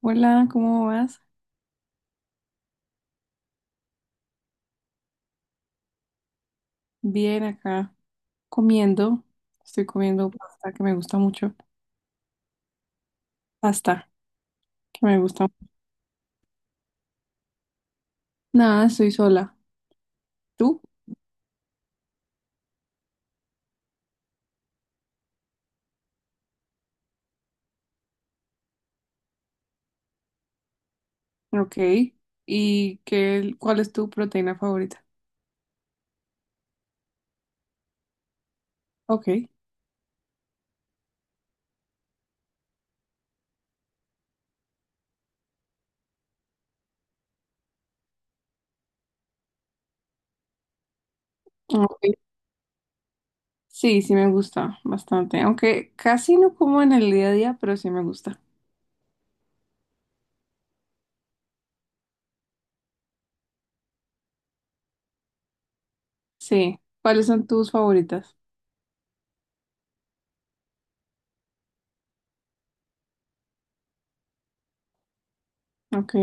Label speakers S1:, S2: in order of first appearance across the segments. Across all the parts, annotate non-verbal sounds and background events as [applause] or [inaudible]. S1: Hola, ¿cómo vas? Bien, acá comiendo. Estoy comiendo pasta que me gusta mucho. Pasta que me gusta. Nada, estoy sola. ¿Tú? Ok. ¿Y qué, cuál es tu proteína favorita? Ok. Ok. Sí, sí me gusta bastante. Aunque casi no como en el día a día, pero sí me gusta. Sí. ¿Cuáles son tus favoritas? Ok.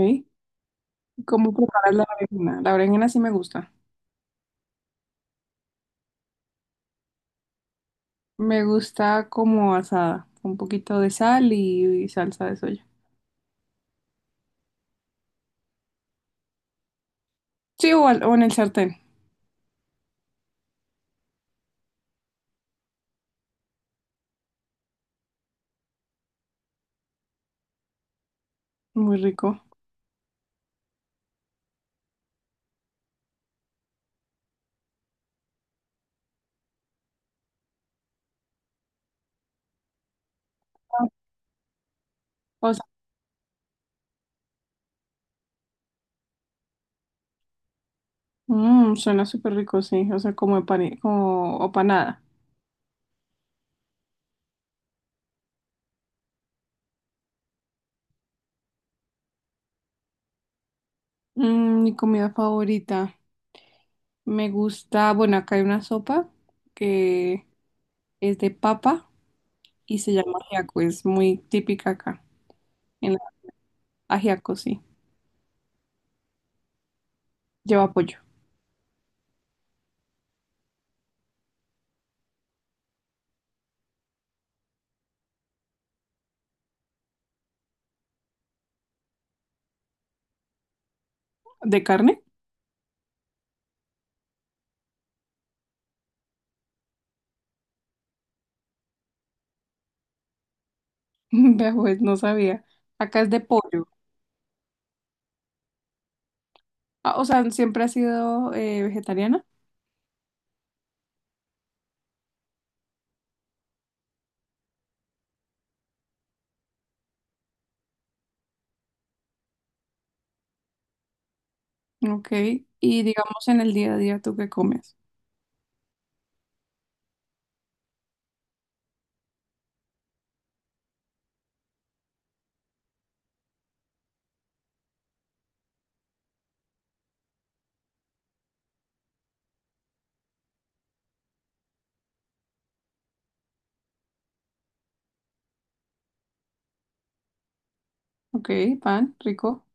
S1: ¿Cómo preparas la berenjena? La berenjena sí me gusta. Me gusta como asada, con un poquito de sal y salsa de soya. Sí, o, o en el sartén. Muy rico. O sea, suena súper rico, sí. O sea, como, como o panada. Mi comida favorita. Me gusta, bueno, acá hay una sopa que es de papa y se llama ajiaco. Es muy típica acá. En la- ajiaco, sí. Lleva pollo. ¿De carne? [laughs] Vea, pues no sabía. Acá es de pollo. Ah, o sea, siempre ha sido vegetariana. Ok. Y digamos en el día a día, ¿tú qué comes? Ok, pan, rico.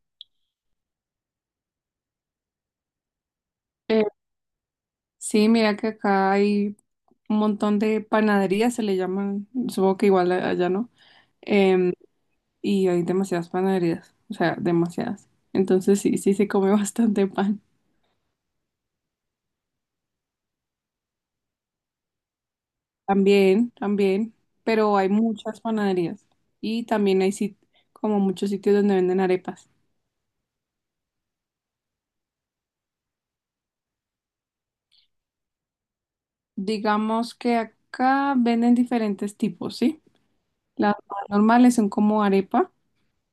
S1: Eh, Sí, mira que acá hay un montón de panaderías, se le llaman, supongo que igual allá no, em, y hay demasiadas panaderías, o sea, demasiadas. Entonces sí, sí se come [laughs] bastante pan. También, también, pero hay muchas panaderías y también como muchos sitios donde venden arepas. Digamos que acá venden diferentes tipos, ¿sí? Las más normales son como arepa.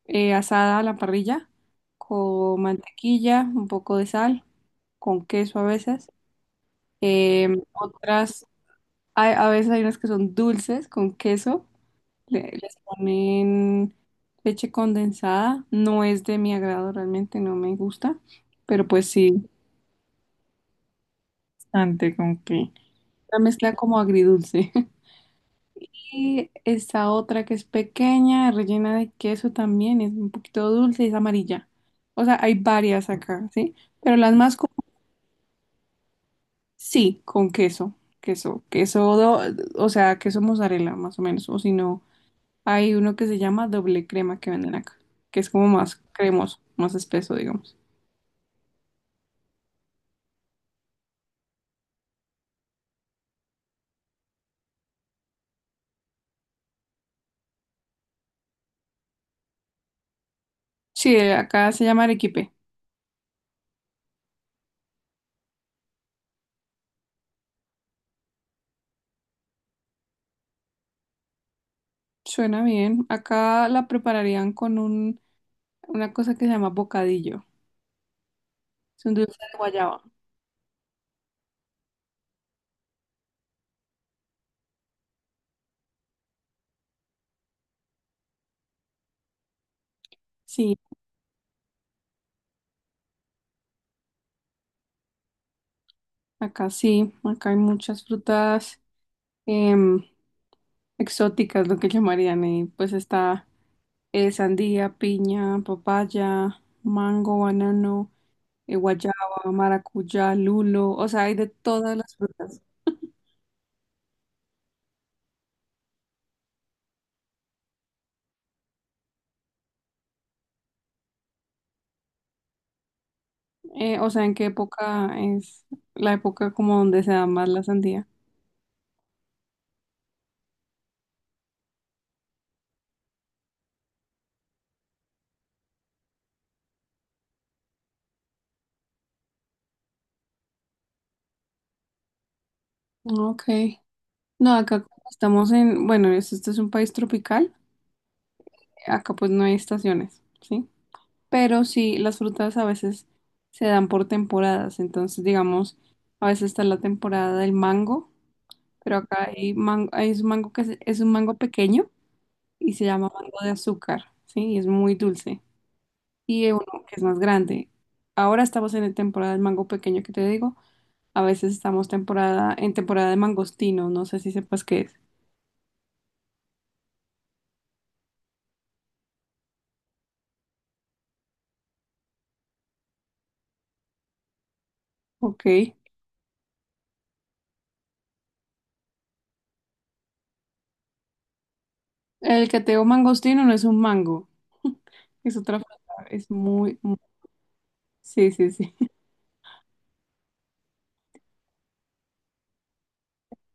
S1: Asada a la parrilla con mantequilla, un poco de sal, con queso a veces. Otras, a veces hay unas que son dulces con queso, les ponen leche condensada. No es de mi agrado realmente, no me gusta, pero pues sí, bastante con que la mezcla como agridulce. [laughs] Y esta otra que es pequeña, rellena de queso también, es un poquito dulce, es amarilla. O sea, hay varias acá, ¿sí? Pero las más sí, con queso, queso, o sea, queso mozzarella más o menos, o si no, hay uno que se llama doble crema que venden acá, que es como más cremoso, más espeso, digamos. Sí, acá se llama arequipe. Suena bien. Acá la prepararían con un, una cosa que se llama bocadillo. Es un dulce de guayaba. Sí, sí, acá hay muchas frutas em, exóticas, lo que llamarían, y pues está sandía, piña, papaya, mango, banano. Guayaba, maracuyá, lulo, o sea, hay de todas las frutas. ¿En qué época es la época como donde se da más la sandía? Ok. No, acá como estamos en, bueno, este es un país tropical, acá pues no hay estaciones, ¿sí? Pero sí, las frutas a veces se dan por temporadas, entonces digamos, a veces está la temporada del mango, pero acá hay mango, hay un mango que es un mango pequeño y se llama mango de azúcar, ¿sí? Y es muy dulce. Y uno que es más grande. Ahora estamos en la temporada del mango pequeño que te digo. A veces estamos temporada, en temporada de mangostino. No sé si sepas qué es. Ok. El cateo mangostino no es un mango. [laughs] Es otra fruta. Es muy, muy- sí, sí, sí. [laughs]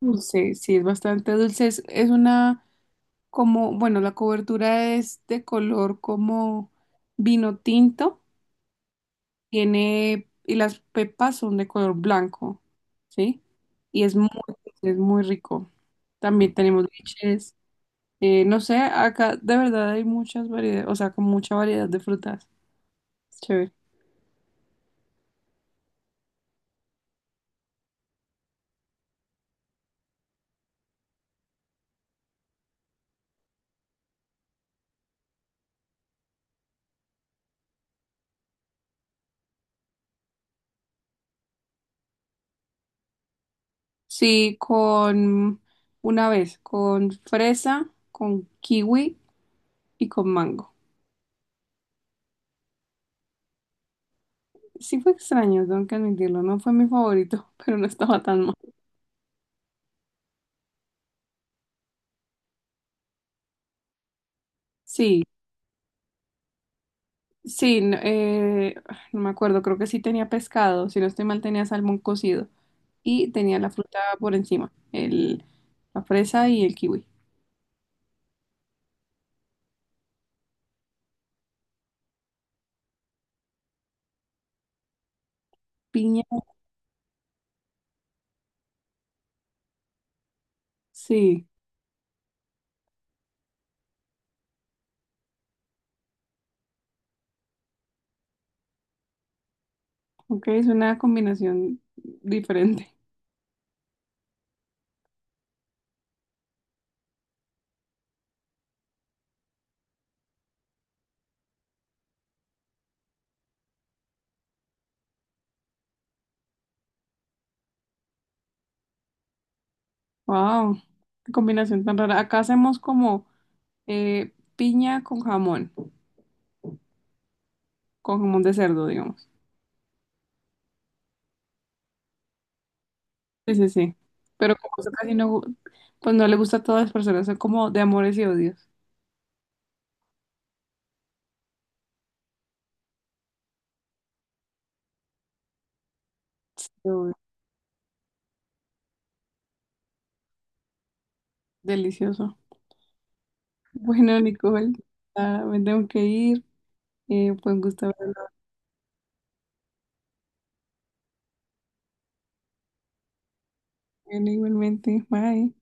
S1: Dulce, sí, es bastante dulce. Es una como, bueno, la cobertura es de color como vino tinto. Tiene, y las pepas son de color blanco, ¿sí? Y es muy rico. También tenemos liches. No sé, acá de verdad hay muchas variedades, o sea, con mucha variedad de frutas. Es chévere. Sí, con una vez, con fresa, con kiwi y con mango. Sí fue extraño, tengo que admitirlo. No fue mi favorito, [laughs] pero no estaba tan mal. Sí, sí, no, no me acuerdo, creo que sí tenía pescado, si no estoy mal tenía salmón cocido y tenía la fruta por encima, el, la fresa y el kiwi. Piña, sí. Ok, es una combinación diferente. Wow, qué combinación tan rara. Acá hacemos como piña con jamón de cerdo, digamos. Sí, sí, sí. Pero como eso casi no, pues no le gusta a todas las personas, son como de amores y odios. Pero delicioso. Bueno, Nicole, ah, me tengo que ir. Pues gusto hablar igualmente. Bye.